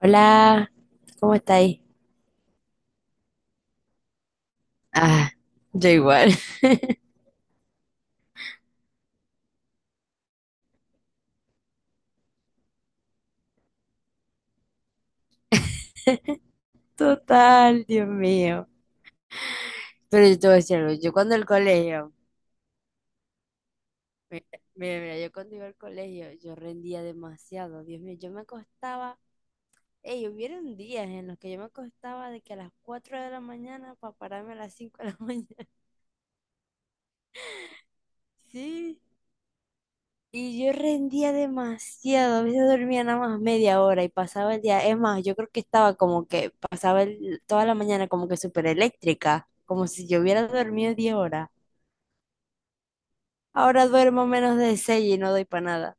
Hola, ¿cómo estáis? Ah, yo igual. Total, Dios mío. Pero yo te voy a decir algo, yo cuando el colegio, mira, mira, mira, yo cuando iba al colegio, yo rendía demasiado, Dios mío, yo me acostaba, ey, hubieron días en los que yo me acostaba de que a las 4 de la mañana para pararme a las 5 de la mañana. Sí, y yo rendía demasiado, a veces dormía nada más media hora y pasaba el día. Es más, yo creo que estaba como que toda la mañana como que súper eléctrica, como si yo hubiera dormido 10 horas. Ahora duermo menos de 6 y no doy para nada,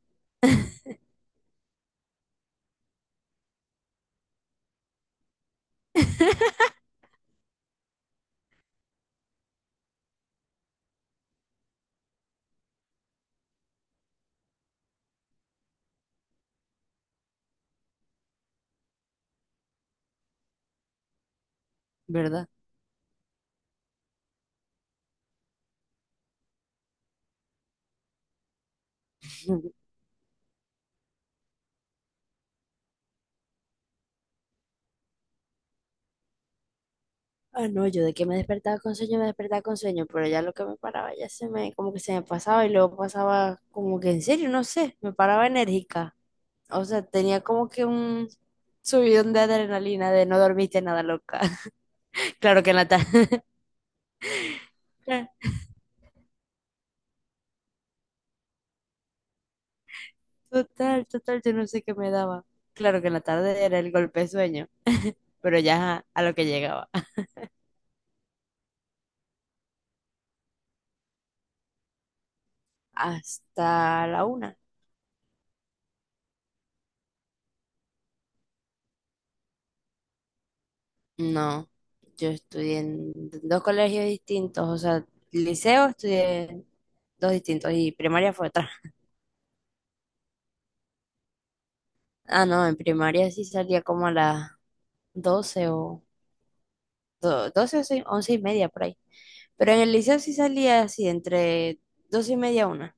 ¿verdad? Ah, no, yo de que me despertaba con sueño, me despertaba con sueño, pero ya lo que me paraba ya se me, como que se me pasaba y luego pasaba como que en serio, no sé, me paraba enérgica. O sea, tenía como que un subidón de adrenalina de no dormiste nada loca. Claro que en la total, total, total, yo no sé qué me daba. Claro que en la tarde era el golpe de sueño, pero ya ajá, a lo que llegaba. Hasta la una. No, yo estudié en dos colegios distintos, o sea, liceo estudié en dos distintos y primaria fue otra. Ah, no, en primaria sí salía como a las 12 o 12 o sí, 11 y media por ahí. Pero en el liceo sí salía así, entre 12 y media a una.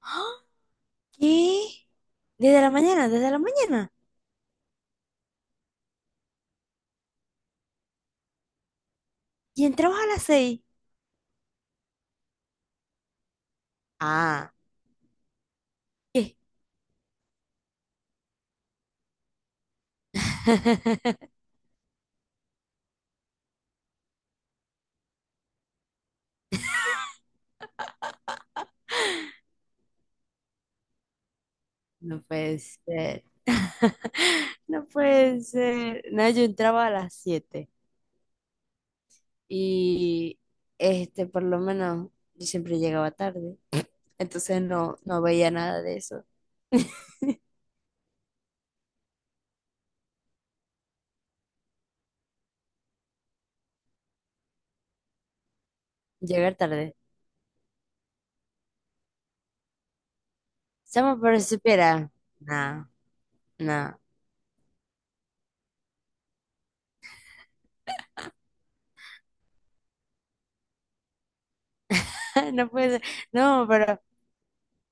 ¡Ah! ¿Qué? ¿Desde la mañana? ¿Desde la mañana? ¿Y entrabas a las seis? Ah, ¿qué? No puede ser, no puede ser. No, yo entraba a las siete y por lo menos, yo siempre llegaba tarde, entonces no, no veía nada de eso. Llegar tarde. Estamos pero supera. No, no, no puede ser. No, pero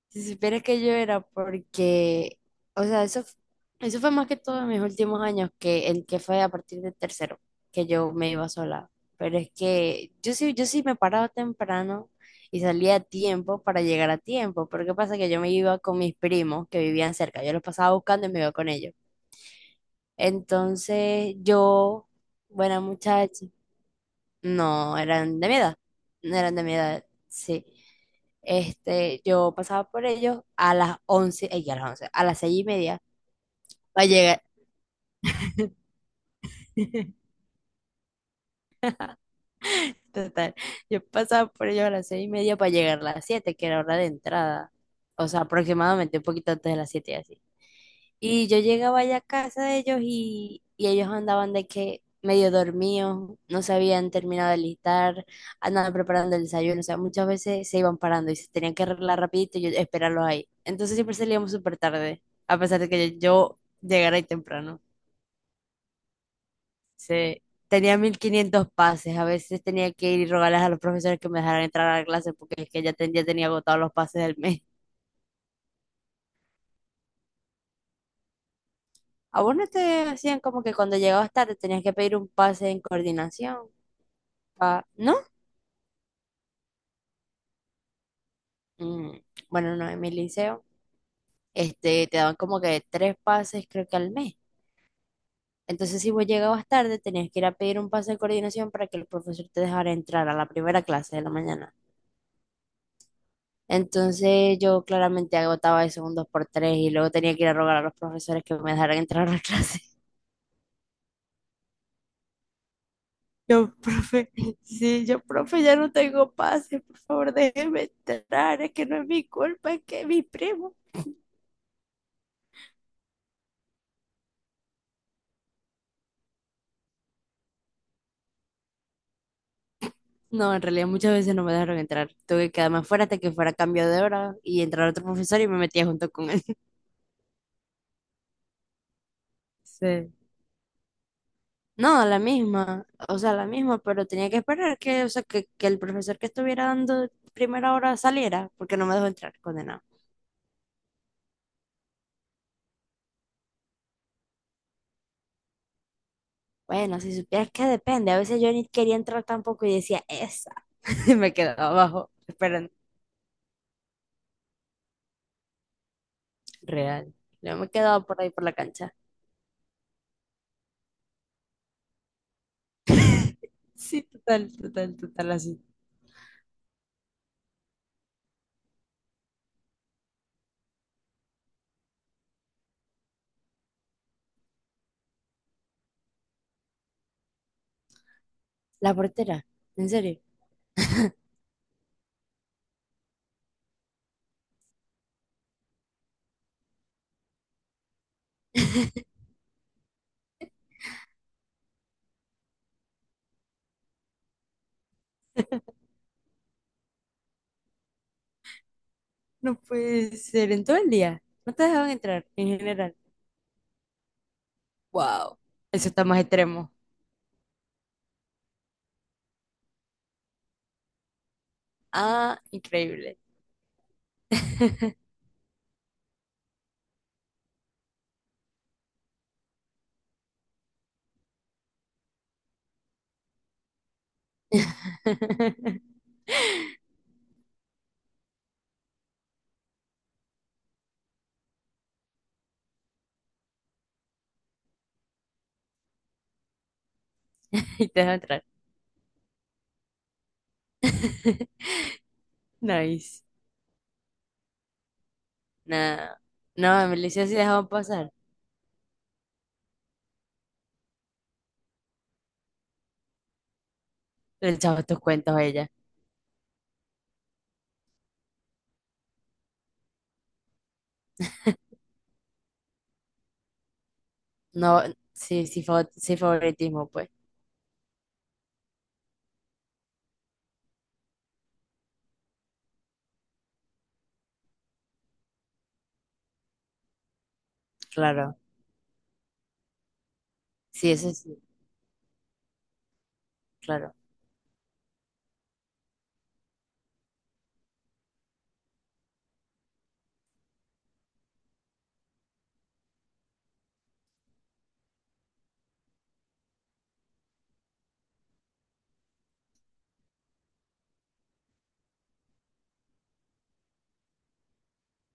si supiera que yo era porque, o sea, eso fue más que todo en mis últimos años, que el que fue a partir de tercero, que yo me iba sola. Pero es que yo sí, yo sí me paraba temprano y salía a tiempo para llegar a tiempo. Pero ¿qué pasa? Que yo me iba con mis primos que vivían cerca. Yo los pasaba buscando y me iba con ellos. Entonces yo, buena muchacha, no, eran de mi edad. No eran de mi edad, sí. Yo pasaba por ellos a las 11, ella a las 11, a las 6 y media para llegar. Total, yo pasaba por ellos a las 6 y media para llegar a las 7, que era hora de entrada. O sea, aproximadamente un poquito antes de las 7 así. Y yo llegaba allá a casa de ellos y ellos andaban de que medio dormidos, no se habían terminado de listar, andaban preparando el desayuno, o sea, muchas veces se iban parando y se tenían que arreglar rapidito y yo esperarlos ahí. Entonces siempre salíamos súper tarde, a pesar de que yo llegara ahí temprano. Se, tenía 1500 pases, a veces tenía que ir y rogarles a los profesores que me dejaran entrar a la clase porque es que ya tenía agotados los pases del mes. ¿A vos no te hacían como que cuando llegabas tarde tenías que pedir un pase en coordinación? Ah, ¿no? Mm, bueno, no, en mi liceo, te daban como que tres pases, creo que al mes. Entonces, si vos llegabas tarde, tenías que ir a pedir un pase de coordinación para que el profesor te dejara entrar a la primera clase de la mañana. Entonces, yo claramente agotaba eso un dos por tres y luego tenía que ir a rogar a los profesores que me dejaran entrar a la clase. Yo, profe, sí, yo, profe, ya no tengo pase, por favor, déjeme entrar, es que no es mi culpa, es que es mi primo. No, en realidad muchas veces no me dejaron entrar. Tuve que quedarme afuera hasta que fuera cambio de hora y entrar otro profesor y me metía junto con él. Sí. No, la misma, o sea, la misma, pero tenía que esperar que, o sea, que el profesor que estuviera dando primera hora saliera, porque no me dejó entrar, condenado. Bueno, si supieras que depende, a veces yo ni quería entrar tampoco y decía, esa, y me quedaba abajo, esperando, real. Yo me quedaba por ahí por la cancha. Sí, total, total, total, así. La portera, en serio. No puede ser, en todo el día. No te dejaban entrar en general. Wow, eso está más extremo. Ah, increíble. Y te dejaban entrar. Nice. Nada. No, en Belice sí dejaban pasar. Le echaba tus cuentos a ella. No, sí, sí, sí, favoritismo, pues. Claro. Sí, eso sí, claro.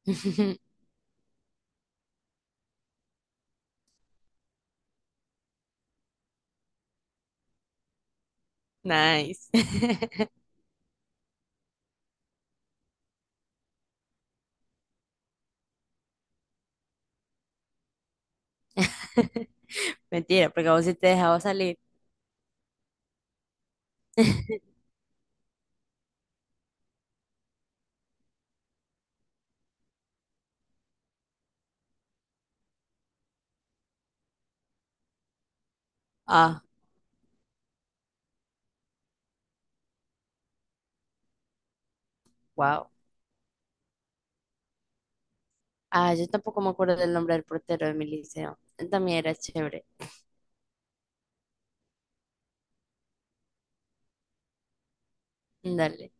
Nice. Mentira, porque a vos sí te dejaba salir. Ah, wow. Ah, yo tampoco me acuerdo del nombre del portero de mi liceo. También era chévere. Dale.